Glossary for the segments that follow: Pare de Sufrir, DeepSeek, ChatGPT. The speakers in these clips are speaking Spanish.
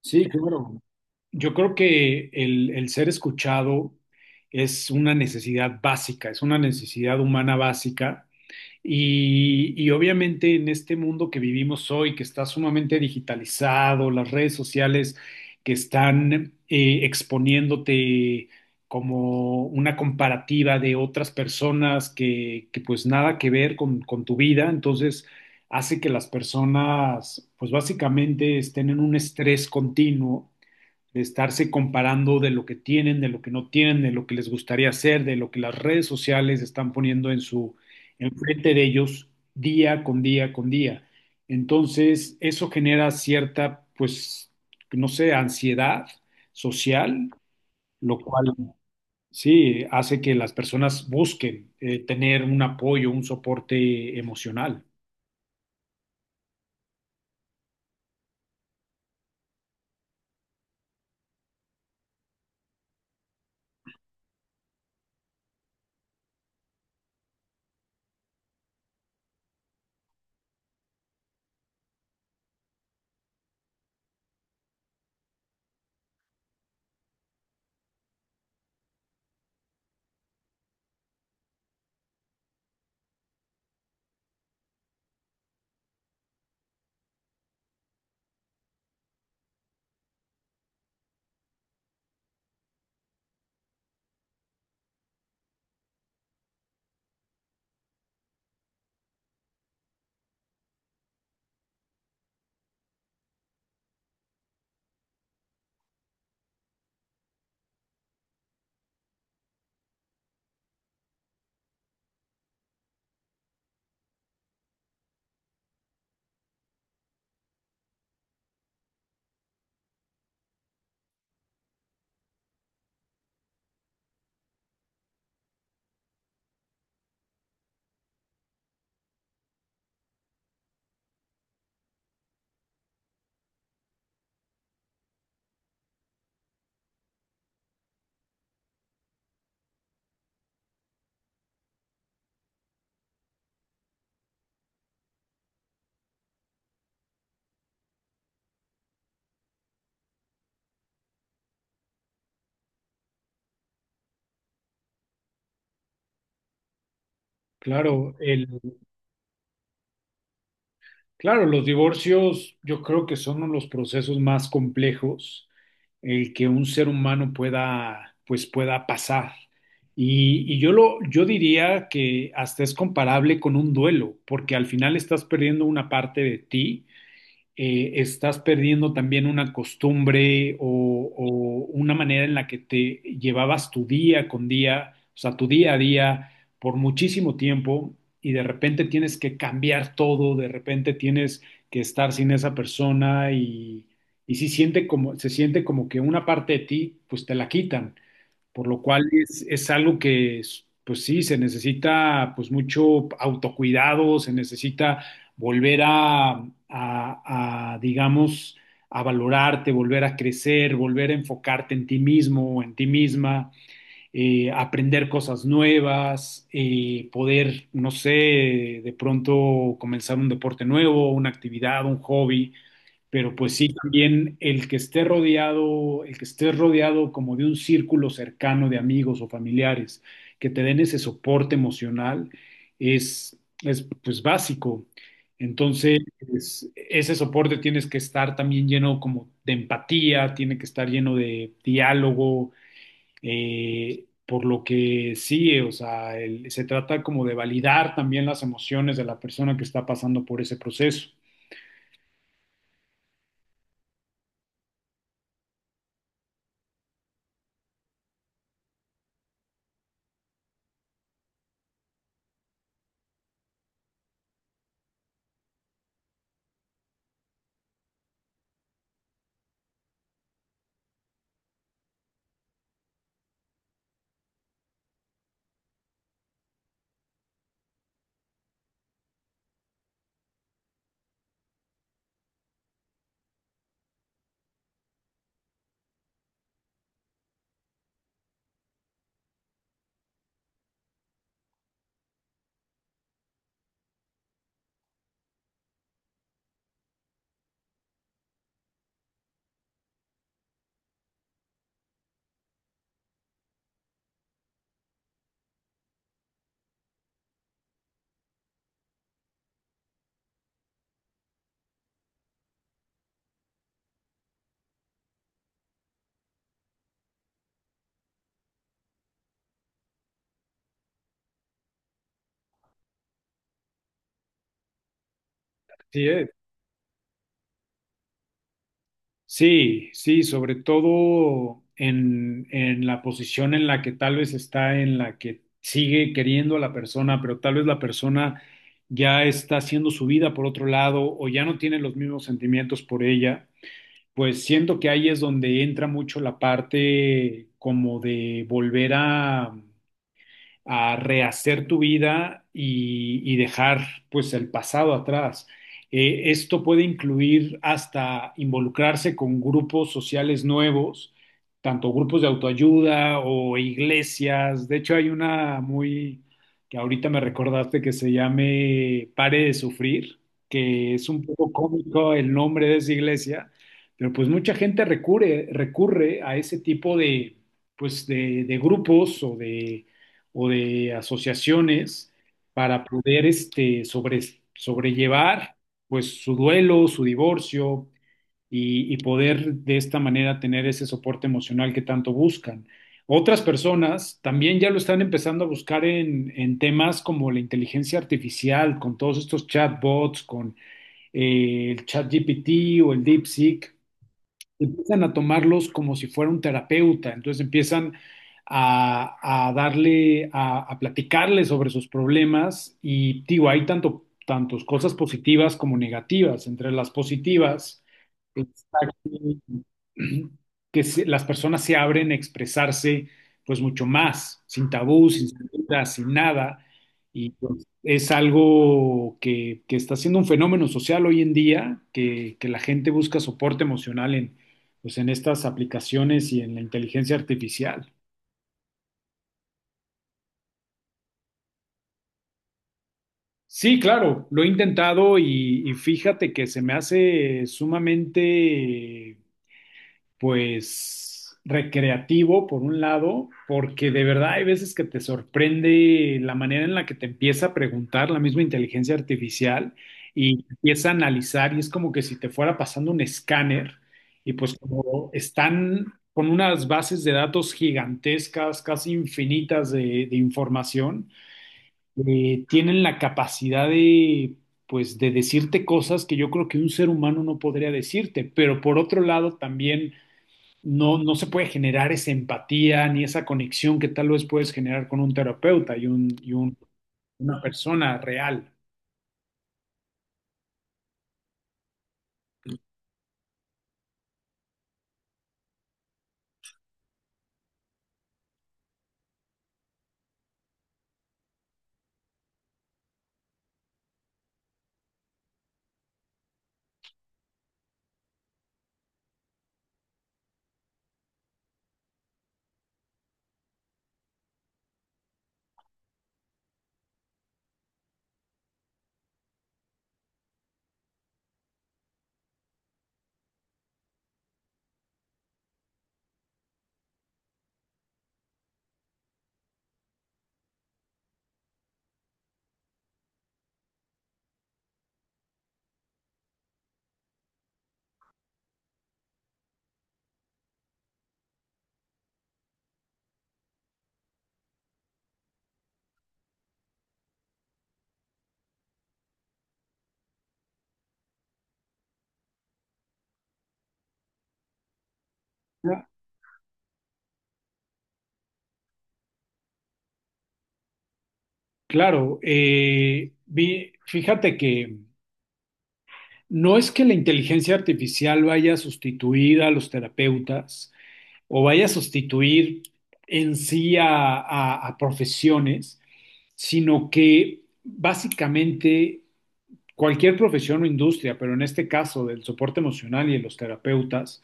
Sí, claro. Yo creo que el ser escuchado es una necesidad básica, es una necesidad humana básica. Y obviamente en este mundo que vivimos hoy, que está sumamente digitalizado, las redes sociales que están exponiéndote como una comparativa de otras personas que pues nada que ver con tu vida, entonces hace que las personas pues básicamente estén en un estrés continuo estarse comparando de lo que tienen, de lo que no tienen, de lo que les gustaría hacer, de lo que las redes sociales están poniendo en su enfrente de ellos día con día con día. Entonces, eso genera cierta, pues, no sé, ansiedad social, lo cual sí hace que las personas busquen tener un apoyo, un soporte emocional. Claro, el, Claro, los divorcios yo creo que son uno de los procesos más complejos el que un ser humano pueda, pues pueda pasar. Y yo diría que hasta es comparable con un duelo, porque al final estás perdiendo una parte de ti estás perdiendo también una costumbre o una manera en la que te llevabas tu día con día, o sea, tu día a día por muchísimo tiempo y de repente tienes que cambiar todo, de repente tienes que estar sin esa persona y sí siente como, se siente como que una parte de ti, pues te la quitan por lo cual es algo que, es, pues sí, se necesita pues mucho autocuidado, se necesita volver a, digamos, a valorarte, volver a crecer, volver a enfocarte en ti mismo o en ti misma, aprender cosas nuevas, poder, no sé, de pronto comenzar un deporte nuevo, una actividad, un hobby. Pero pues sí, también el que esté rodeado, el que estés rodeado como de un círculo cercano de amigos o familiares que te den ese soporte emocional es pues básico. Entonces, ese soporte tienes que estar también lleno como de empatía, tiene que estar lleno de diálogo, por lo que sí, o sea, se trata como de validar también las emociones de la persona que está pasando por ese proceso. Sí. Sí, sobre todo en la posición en la que tal vez está, en la que sigue queriendo a la persona, pero tal vez la persona ya está haciendo su vida por otro lado o ya no tiene los mismos sentimientos por ella, pues siento que ahí es donde entra mucho la parte como de volver a rehacer tu vida y dejar pues el pasado atrás. Esto puede incluir hasta involucrarse con grupos sociales nuevos, tanto grupos de autoayuda o iglesias. De hecho, hay una muy que ahorita me recordaste que se llame Pare de Sufrir, que es un poco cómico el nombre de esa iglesia, pero pues mucha gente recurre a ese tipo de, pues de grupos o de asociaciones para poder este, sobrellevar pues su duelo, su divorcio y poder de esta manera tener ese soporte emocional que tanto buscan. Otras personas también ya lo están empezando a buscar en temas como la inteligencia artificial, con todos estos chatbots, con el ChatGPT o el DeepSeek empiezan a tomarlos como si fuera un terapeuta, entonces empiezan a darle, a platicarle sobre sus problemas y digo, hay tanto, tantos cosas positivas como negativas. Entre las positivas, exacto. Las personas se abren a expresarse, pues mucho más, sin tabú, sin censura, sin nada. Y pues, es algo que está siendo un fenómeno social hoy en día, que la gente busca soporte emocional en, pues, en estas aplicaciones y en la inteligencia artificial. Sí, claro, lo he intentado y fíjate que se me hace sumamente pues recreativo por un lado, porque de verdad hay veces que te sorprende la manera en la que te empieza a preguntar la misma inteligencia artificial y empieza a analizar y es como que si te fuera pasando un escáner y pues como están con unas bases de datos gigantescas, casi infinitas de información, tienen la capacidad de pues de decirte cosas que yo creo que un ser humano no podría decirte, pero por otro lado también no se puede generar esa empatía ni esa conexión que tal vez puedes generar con un terapeuta y una persona real. Ah. Fíjate que no es que la inteligencia artificial vaya a sustituir a los terapeutas o vaya a sustituir en sí a, a profesiones, sino que básicamente cualquier profesión o industria, pero en este caso del soporte emocional y de los terapeutas,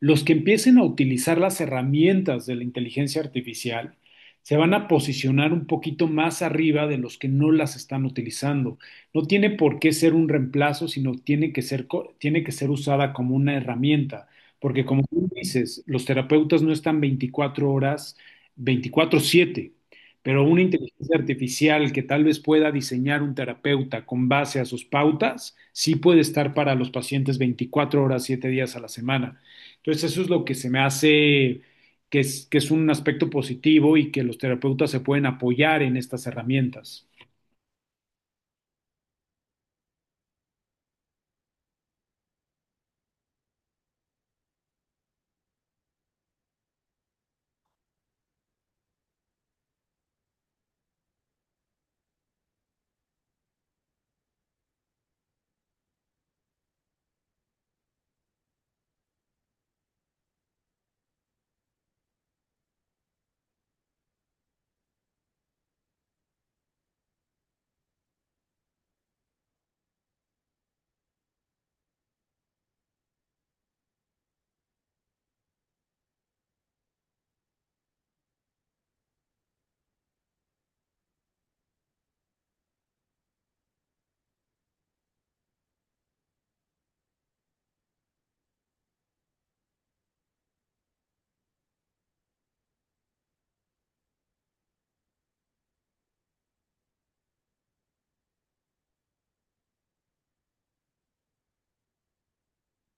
los que empiecen a utilizar las herramientas de la inteligencia artificial se van a posicionar un poquito más arriba de los que no las están utilizando. No tiene por qué ser un reemplazo, sino tiene que ser, tiene que ser usada como una herramienta, porque como tú dices, los terapeutas no están 24 horas, 24/7, pero una inteligencia artificial que tal vez pueda diseñar un terapeuta con base a sus pautas, sí puede estar para los pacientes 24 horas, 7 días a la semana. Entonces, eso es lo que se me hace que es un aspecto positivo y que los terapeutas se pueden apoyar en estas herramientas.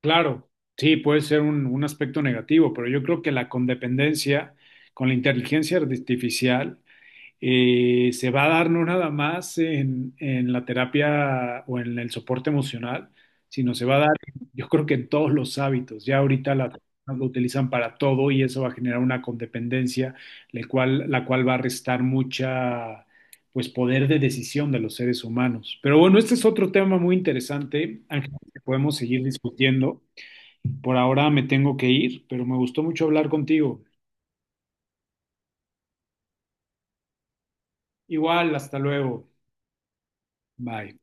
Claro, sí, puede ser un aspecto negativo, pero yo creo que la condependencia con la inteligencia artificial se va a dar no nada más en la terapia o en el soporte emocional, sino se va a dar, yo creo que en todos los hábitos. Ya ahorita las personas lo utilizan para todo y eso va a generar una condependencia, la cual va a restar mucha, pues, poder de decisión de los seres humanos. Pero bueno, este es otro tema muy interesante, Ángel, que podemos seguir discutiendo. Por ahora me tengo que ir, pero me gustó mucho hablar contigo. Igual, hasta luego. Bye.